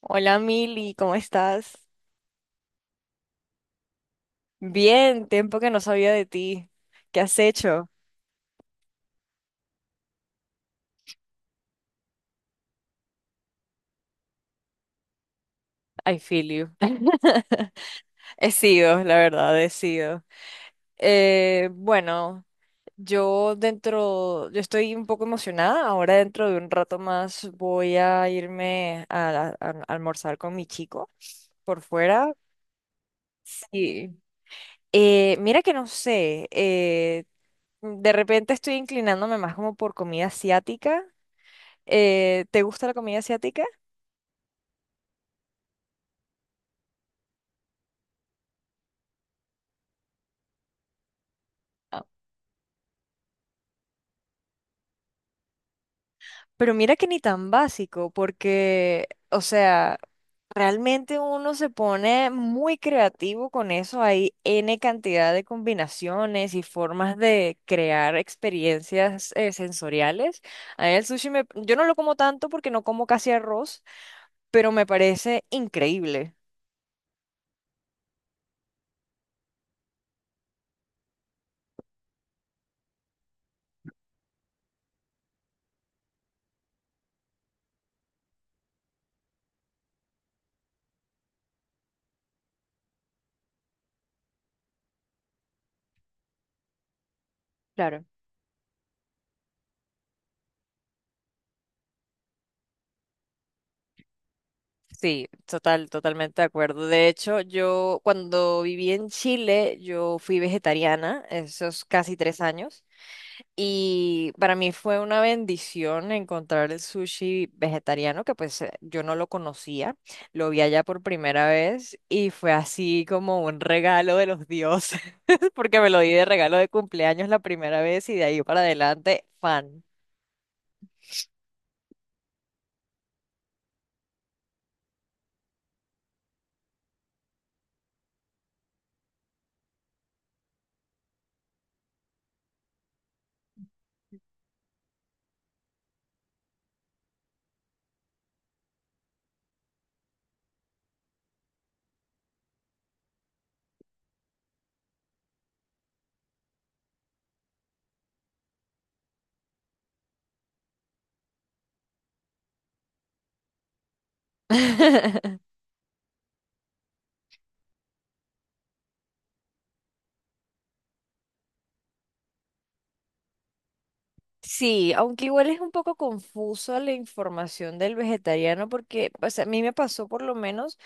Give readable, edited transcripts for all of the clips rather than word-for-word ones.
Hola Mili, ¿cómo estás? Bien, tiempo que no sabía de ti. ¿Qué has hecho? I feel you. He sido, la verdad, he sido. Bueno, yo estoy un poco emocionada. Ahora dentro de un rato más voy a irme a almorzar con mi chico por fuera. Sí. Mira que no sé, de repente estoy inclinándome más como por comida asiática. ¿Te gusta la comida asiática? Pero mira que ni tan básico, porque, o sea, realmente uno se pone muy creativo con eso. Hay N cantidad de combinaciones y formas de crear experiencias sensoriales. A mí el sushi yo no lo como tanto porque no como casi arroz, pero me parece increíble. Claro. Sí, total, totalmente de acuerdo. De hecho, yo cuando viví en Chile, yo fui vegetariana, esos casi 3 años. Y para mí fue una bendición encontrar el sushi vegetariano, que pues yo no lo conocía, lo vi allá por primera vez y fue así como un regalo de los dioses, porque me lo di de regalo de cumpleaños la primera vez y de ahí para adelante, fan. Sí, aunque igual es un poco confusa la información del vegetariano porque pues, a mí me pasó por lo menos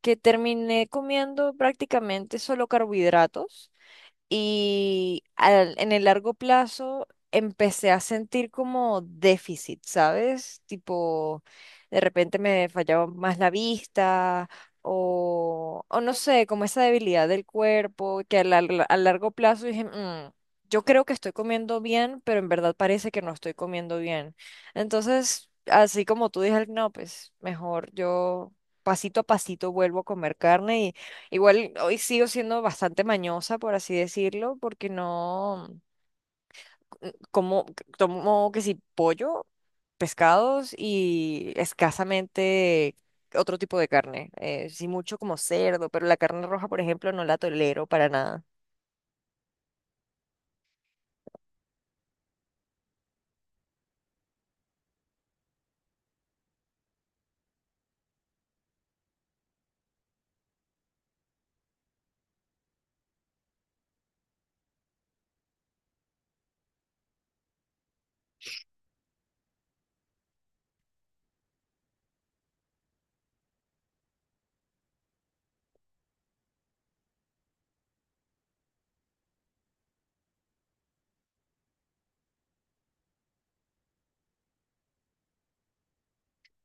que terminé comiendo prácticamente solo carbohidratos y en el largo plazo empecé a sentir como déficit, ¿sabes? Tipo, de repente me fallaba más la vista o no sé, como esa debilidad del cuerpo que a largo plazo dije, Yo creo que estoy comiendo bien, pero en verdad parece que no estoy comiendo bien". Entonces, así como tú dije, no, pues mejor pasito a pasito vuelvo a comer carne. Igual hoy sigo siendo bastante mañosa, por así decirlo, porque no como tomo que si pollo, pescados y escasamente otro tipo de carne. Sí mucho como cerdo, pero la carne roja, por ejemplo, no la tolero para nada.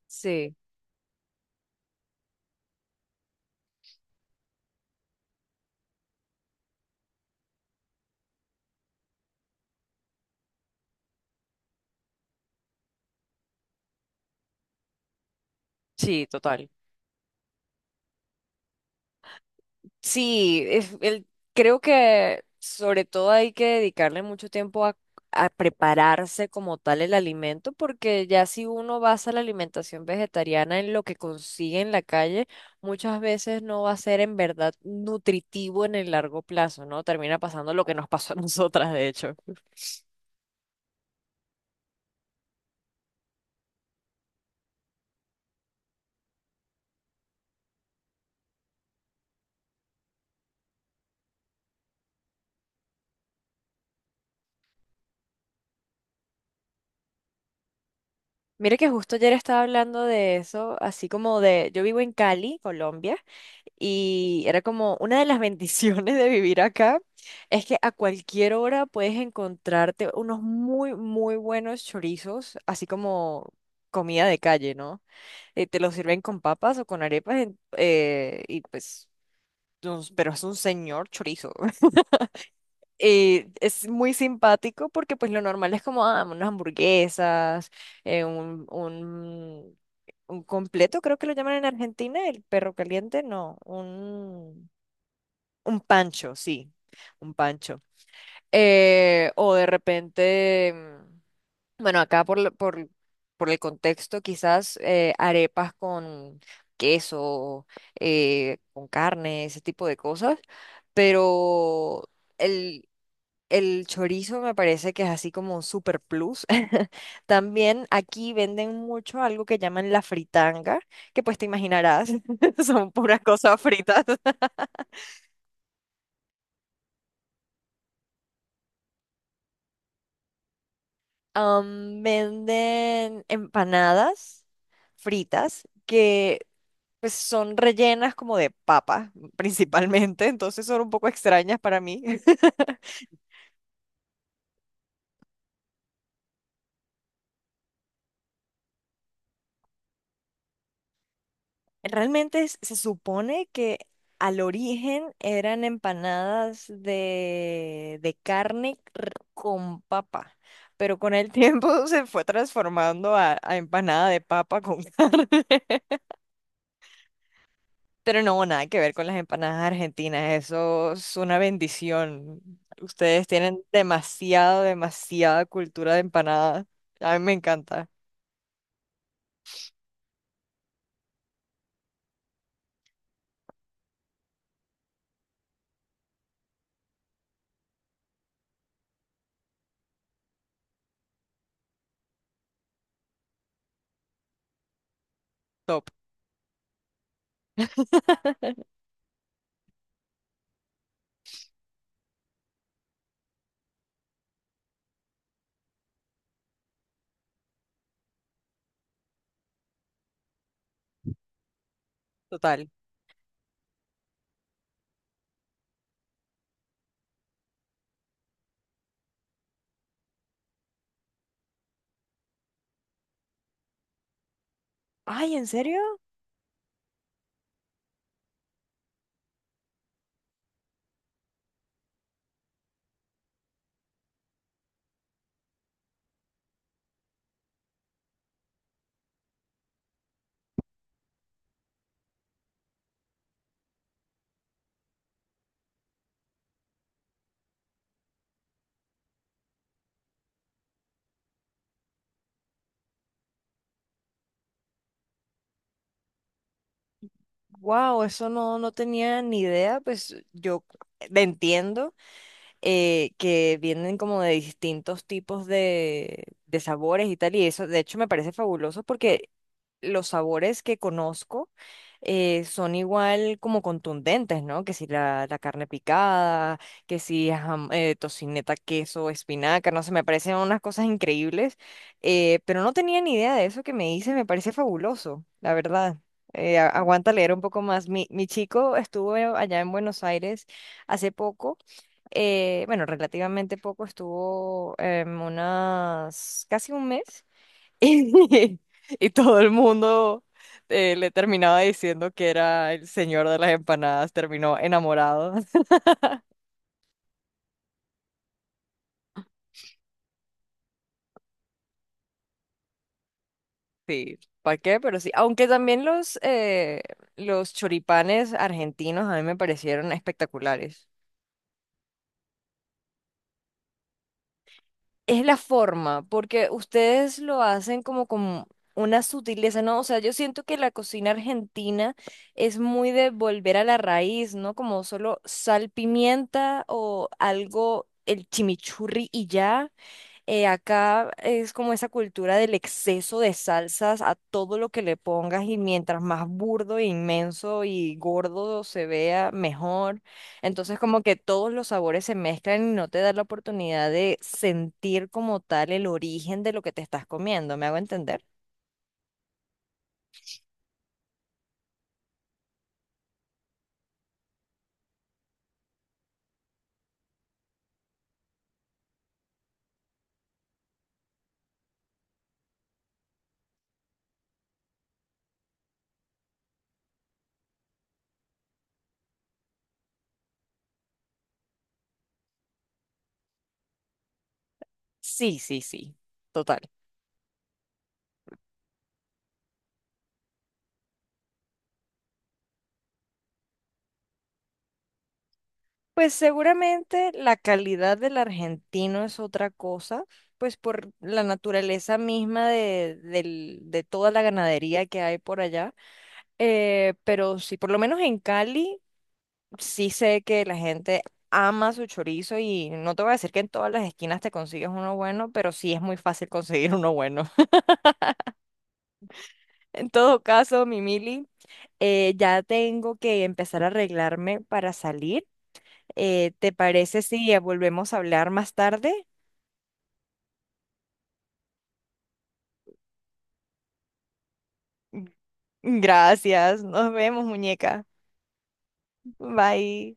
Sí. Sí, total. Sí, creo que sobre todo hay que dedicarle mucho tiempo a prepararse como tal el alimento, porque ya si uno basa la alimentación vegetariana en lo que consigue en la calle, muchas veces no va a ser en verdad nutritivo en el largo plazo, ¿no? Termina pasando lo que nos pasó a nosotras, de hecho. Mire que justo ayer estaba hablando de eso, así como yo vivo en Cali, Colombia. Y era como una de las bendiciones de vivir acá, es que a cualquier hora puedes encontrarte unos muy, muy buenos chorizos, así como comida de calle, ¿no? Te los sirven con papas o con arepas, y pues, pero es un señor chorizo. Es muy simpático porque pues lo normal es como ah, unas hamburguesas, eh, un, un, un completo, creo que lo llaman en Argentina, el perro caliente, no, un pancho, sí, un pancho. O de repente, bueno, acá por el contexto, quizás arepas con queso, con carne, ese tipo de cosas, pero el, el chorizo me parece que es así como un super plus. También aquí venden mucho algo que llaman la fritanga, que pues te imaginarás, son puras cosas fritas. Venden empanadas fritas que pues, son rellenas como de papa, principalmente, entonces son un poco extrañas para mí. Realmente se supone que al origen eran empanadas de carne con papa, pero con el tiempo se fue transformando a empanada de papa con carne. Pero no, nada que ver con las empanadas argentinas, eso es una bendición. Ustedes tienen demasiado demasiada cultura de empanadas. A mí me encanta. Top. Total. Ay, ¿en serio? Wow, eso no, no tenía ni idea. Pues yo le entiendo. Que vienen como de distintos tipos de sabores y tal, y eso de hecho me parece fabuloso porque los sabores que conozco son igual como contundentes, ¿no? Que si la carne picada, que si tocineta, queso, espinaca, no sé, me parecen unas cosas increíbles, pero no tenía ni idea de eso que me hice, me parece fabuloso, la verdad. Aguanta leer un poco más. Mi chico estuvo allá en Buenos Aires hace poco bueno, relativamente poco, estuvo unas casi un mes y, y todo el mundo le terminaba diciendo que era el señor de las empanadas, terminó enamorado. Sí, ¿para qué? Pero sí, aunque también los choripanes argentinos a mí me parecieron espectaculares. Es la forma, porque ustedes lo hacen como con una sutileza, ¿no? O sea, yo siento que la cocina argentina es muy de volver a la raíz, ¿no? Como solo sal, pimienta o algo, el chimichurri y ya. Acá es como esa cultura del exceso de salsas a todo lo que le pongas y mientras más burdo, e inmenso y gordo se vea, mejor. Entonces como que todos los sabores se mezclan y no te da la oportunidad de sentir como tal el origen de lo que te estás comiendo. ¿Me hago entender? Sí, sí, sí. Total. Pues seguramente la calidad del argentino es otra cosa, pues por la naturaleza misma de toda la ganadería que hay por allá. Pero sí, por lo menos en Cali, sí sé que la gente ama su chorizo y no te voy a decir que en todas las esquinas te consigues uno bueno, pero sí es muy fácil conseguir uno bueno. En todo caso, mi Mili, ya tengo que empezar a arreglarme para salir. ¿Te parece si volvemos a hablar más tarde? Gracias, nos vemos, muñeca. Bye.